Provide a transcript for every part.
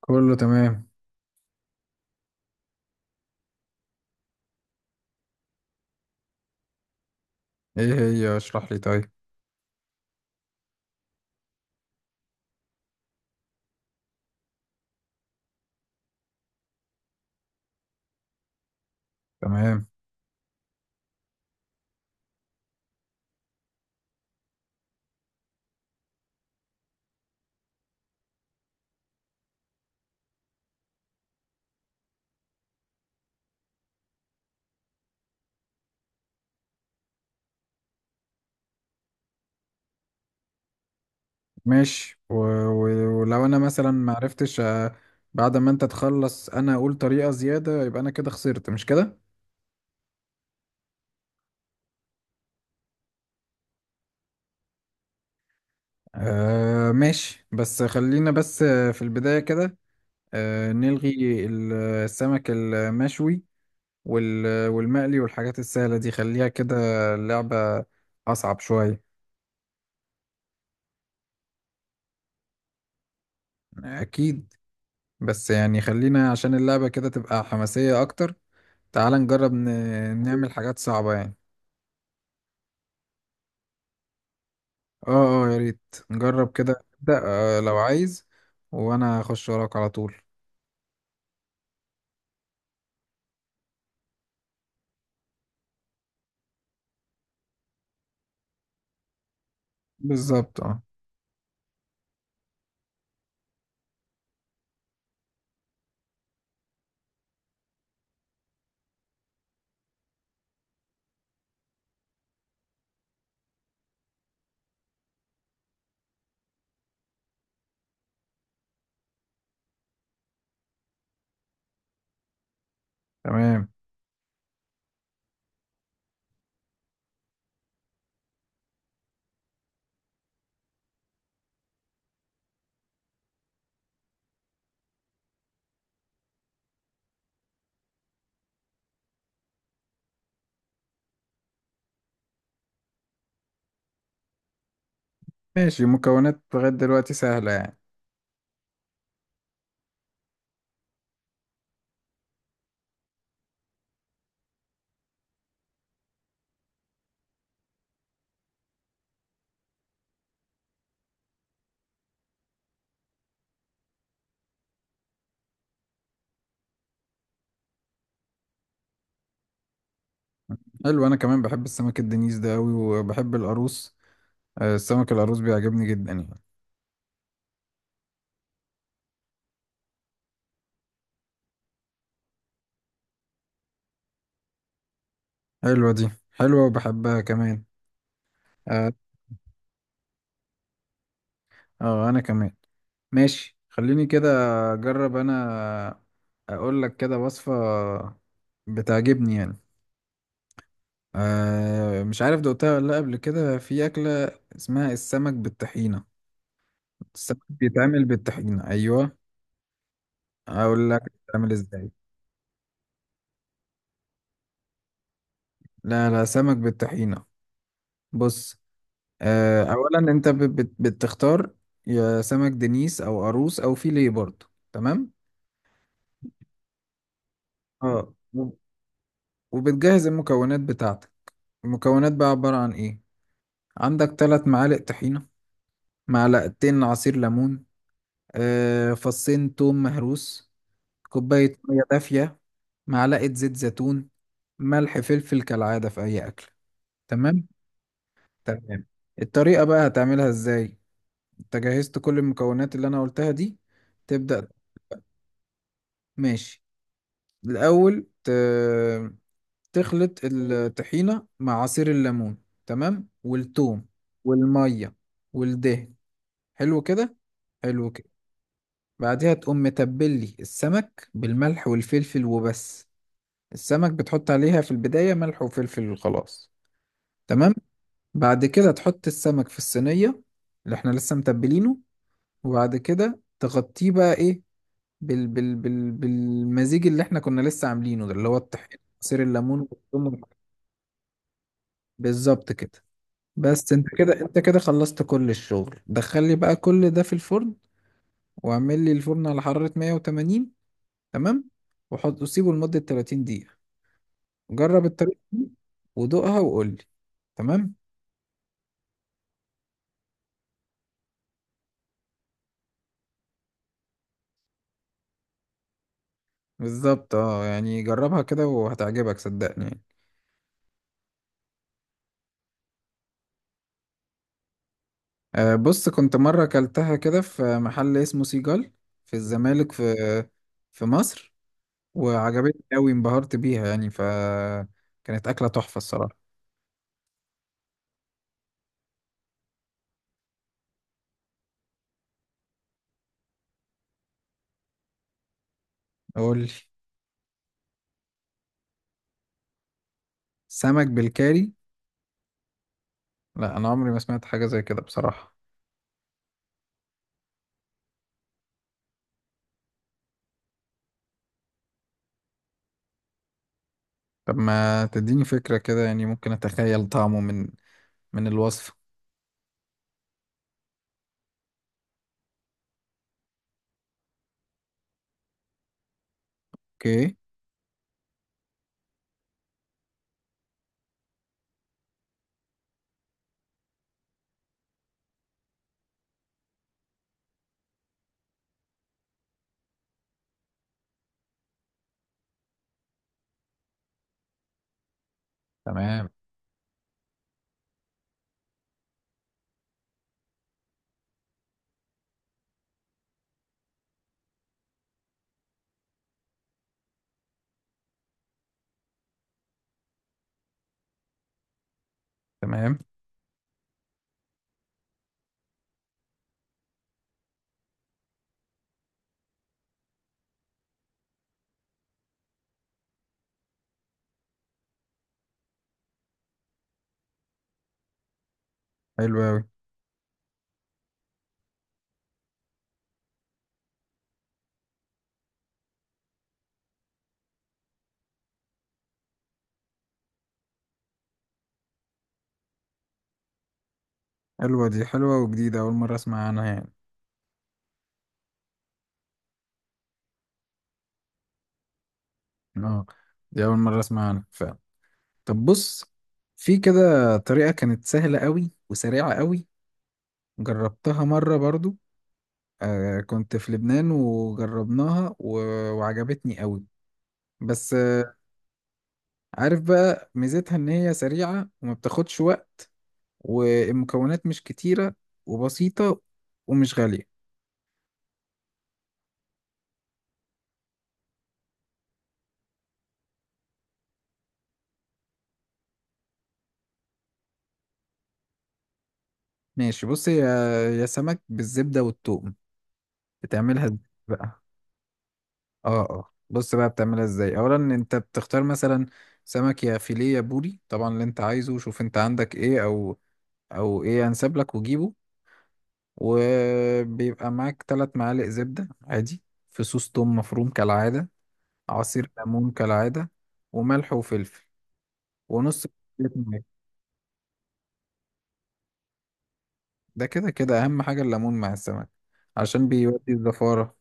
كله تمام. ايه هي؟ اشرح لي طيب. تمام. ماشي، ولو انا مثلا ما عرفتش، بعد ما انت تخلص انا اقول طريقة زيادة، يبقى انا كده خسرت، مش كده؟ ماشي، بس خلينا بس، في البداية كده نلغي السمك المشوي والمقلي والحاجات السهلة دي خليها كده. اللعبة اصعب شوية. اكيد، بس يعني خلينا عشان اللعبة كده تبقى حماسية اكتر. تعال نجرب نعمل حاجات صعبة يعني. اه، اه، يا ريت نجرب كده. ابدأ. لو عايز، وانا اخش وراك على طول. بالظبط، اه. تمام، ماشي. مكونات لغاية دلوقتي سهلة يعني. حلو، انا كمان بحب السمك الدنيس ده اوي وبحب القاروص. السمك القاروص بيعجبني جدا يعني. حلوة، دي حلوة وبحبها كمان. اه. انا كمان. ماشي، خليني كده اجرب انا. اقول لك كده وصفة بتعجبني يعني. مش عارف دقتها ولا لأ، قبل كده في أكلة اسمها السمك بالطحينة. السمك بيتعمل بالطحينة. أيوة. أقول لك بيتعمل إزاي. لا، لا، سمك بالطحينة. بص. أولا أنت بت بت بتختار يا سمك دنيس أو قاروص أو فيليه برضه. تمام. اه. وبتجهز المكونات بتاعتك. المكونات بقى عبارة عن إيه؟ عندك ثلاث معالق طحينة، معلقتين عصير ليمون، فصين توم مهروس، كوباية مية دافية، معلقة زيت زيتون، ملح فلفل كالعادة في أي أكل. تمام. تمام. الطريقة بقى هتعملها إزاي؟ أنت جهزت كل المكونات اللي أنا قلتها دي، تبدأ. ماشي. الأول تخلط الطحينة مع عصير الليمون، تمام، والثوم والمية والدهن. حلو كده، حلو كده. بعدها تقوم متبلي السمك بالملح والفلفل وبس. السمك بتحط عليها في البداية ملح وفلفل وخلاص. تمام. بعد كده تحط السمك في الصينية اللي احنا لسه متبلينه، وبعد كده تغطيه بقى ايه؟ بالمزيج اللي احنا كنا لسه عاملينه ده، اللي هو الطحين، عصير الليمون والثوم بالظبط كده. بس انت كده خلصت كل الشغل. دخل لي بقى كل ده في الفرن، واعمل لي الفرن على حرارة 180. تمام، وحط وسيبه لمدة 30 دقيقة. جرب الطريقة دي ودوقها وقول لي. تمام. بالظبط، اه. يعني جربها كده وهتعجبك صدقني يعني. بص. كنت مرة أكلتها كده في محل اسمه سيجال في الزمالك، في مصر. وعجبتني أوي، انبهرت بيها يعني، فكانت أكلة تحفة الصراحة. قول لي. سمك بالكاري؟ لا، أنا عمري ما سمعت حاجة زي كده بصراحة. طب ما تديني فكرة كده يعني، ممكن أتخيل طعمه من الوصفة. أوكي. تمام، تمام. حلوة أوي. حلوة، دي حلوة وجديدة. أول مرة أسمع عنها يعني. اه. دي اول مره اسمع عنها فعلا. طب بص. في كده طريقه كانت سهله قوي وسريعه قوي، جربتها مره برضو. كنت في لبنان وجربناها، وعجبتني قوي. بس عارف بقى ميزتها ان هي سريعه وما بتاخدش وقت، والمكونات مش كتيره وبسيطه ومش غاليه. ماشي، بص. هي يا سمك بالزبده والثوم، بتعملها إزاي بقى؟ اه، اه. بص بقى، بتعملها ازاي؟ اولا انت بتختار مثلا سمك يا فيليه يا بوري، طبعا اللي انت عايزه، شوف انت عندك ايه او ايه انسب لك وجيبه. وبيبقى معاك ثلاث معالق زبدة عادي، في صوص توم مفروم كالعادة، عصير ليمون كالعادة، وملح وفلفل، ونص كوباية مية. ده كده كده اهم حاجة الليمون مع السمك، عشان بيودي الزفارة.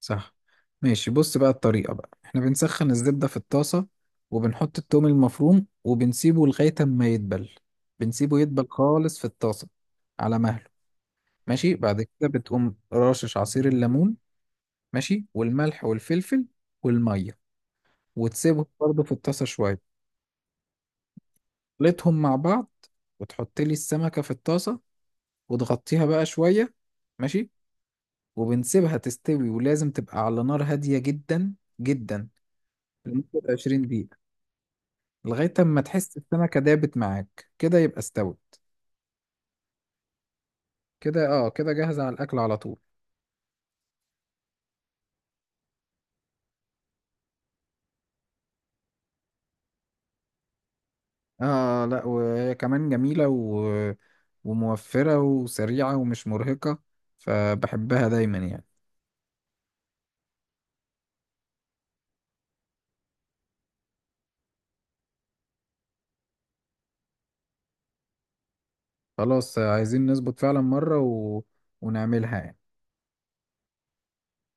صح. ماشي، بص بقى. الطريقة بقى احنا بنسخن الزبدة في الطاسة، وبنحط التوم المفروم وبنسيبه لغاية ما يدبل، بنسيبه يدبل خالص في الطاسة على مهله. ماشي. بعد كده بتقوم رشش عصير الليمون، ماشي، والملح والفلفل والمية، وتسيبهم برضه في الطاسة شوية. خلطهم مع بعض، وتحط لي السمكة في الطاسة، وتغطيها بقى شوية. ماشي. وبنسيبها تستوي، ولازم تبقى على نار هادية جدا جدا لمدة 20 دقيقة. لغاية اما تحس السمكة دابت معاك كده، يبقى استوت كده. اه، كده جاهزة على الأكل على طول. اه. لا، وهي كمان جميلة وموفرة وسريعة ومش مرهقة، فبحبها دايما يعني. خلاص. عايزين نظبط فعلا مرة ونعملها يعني.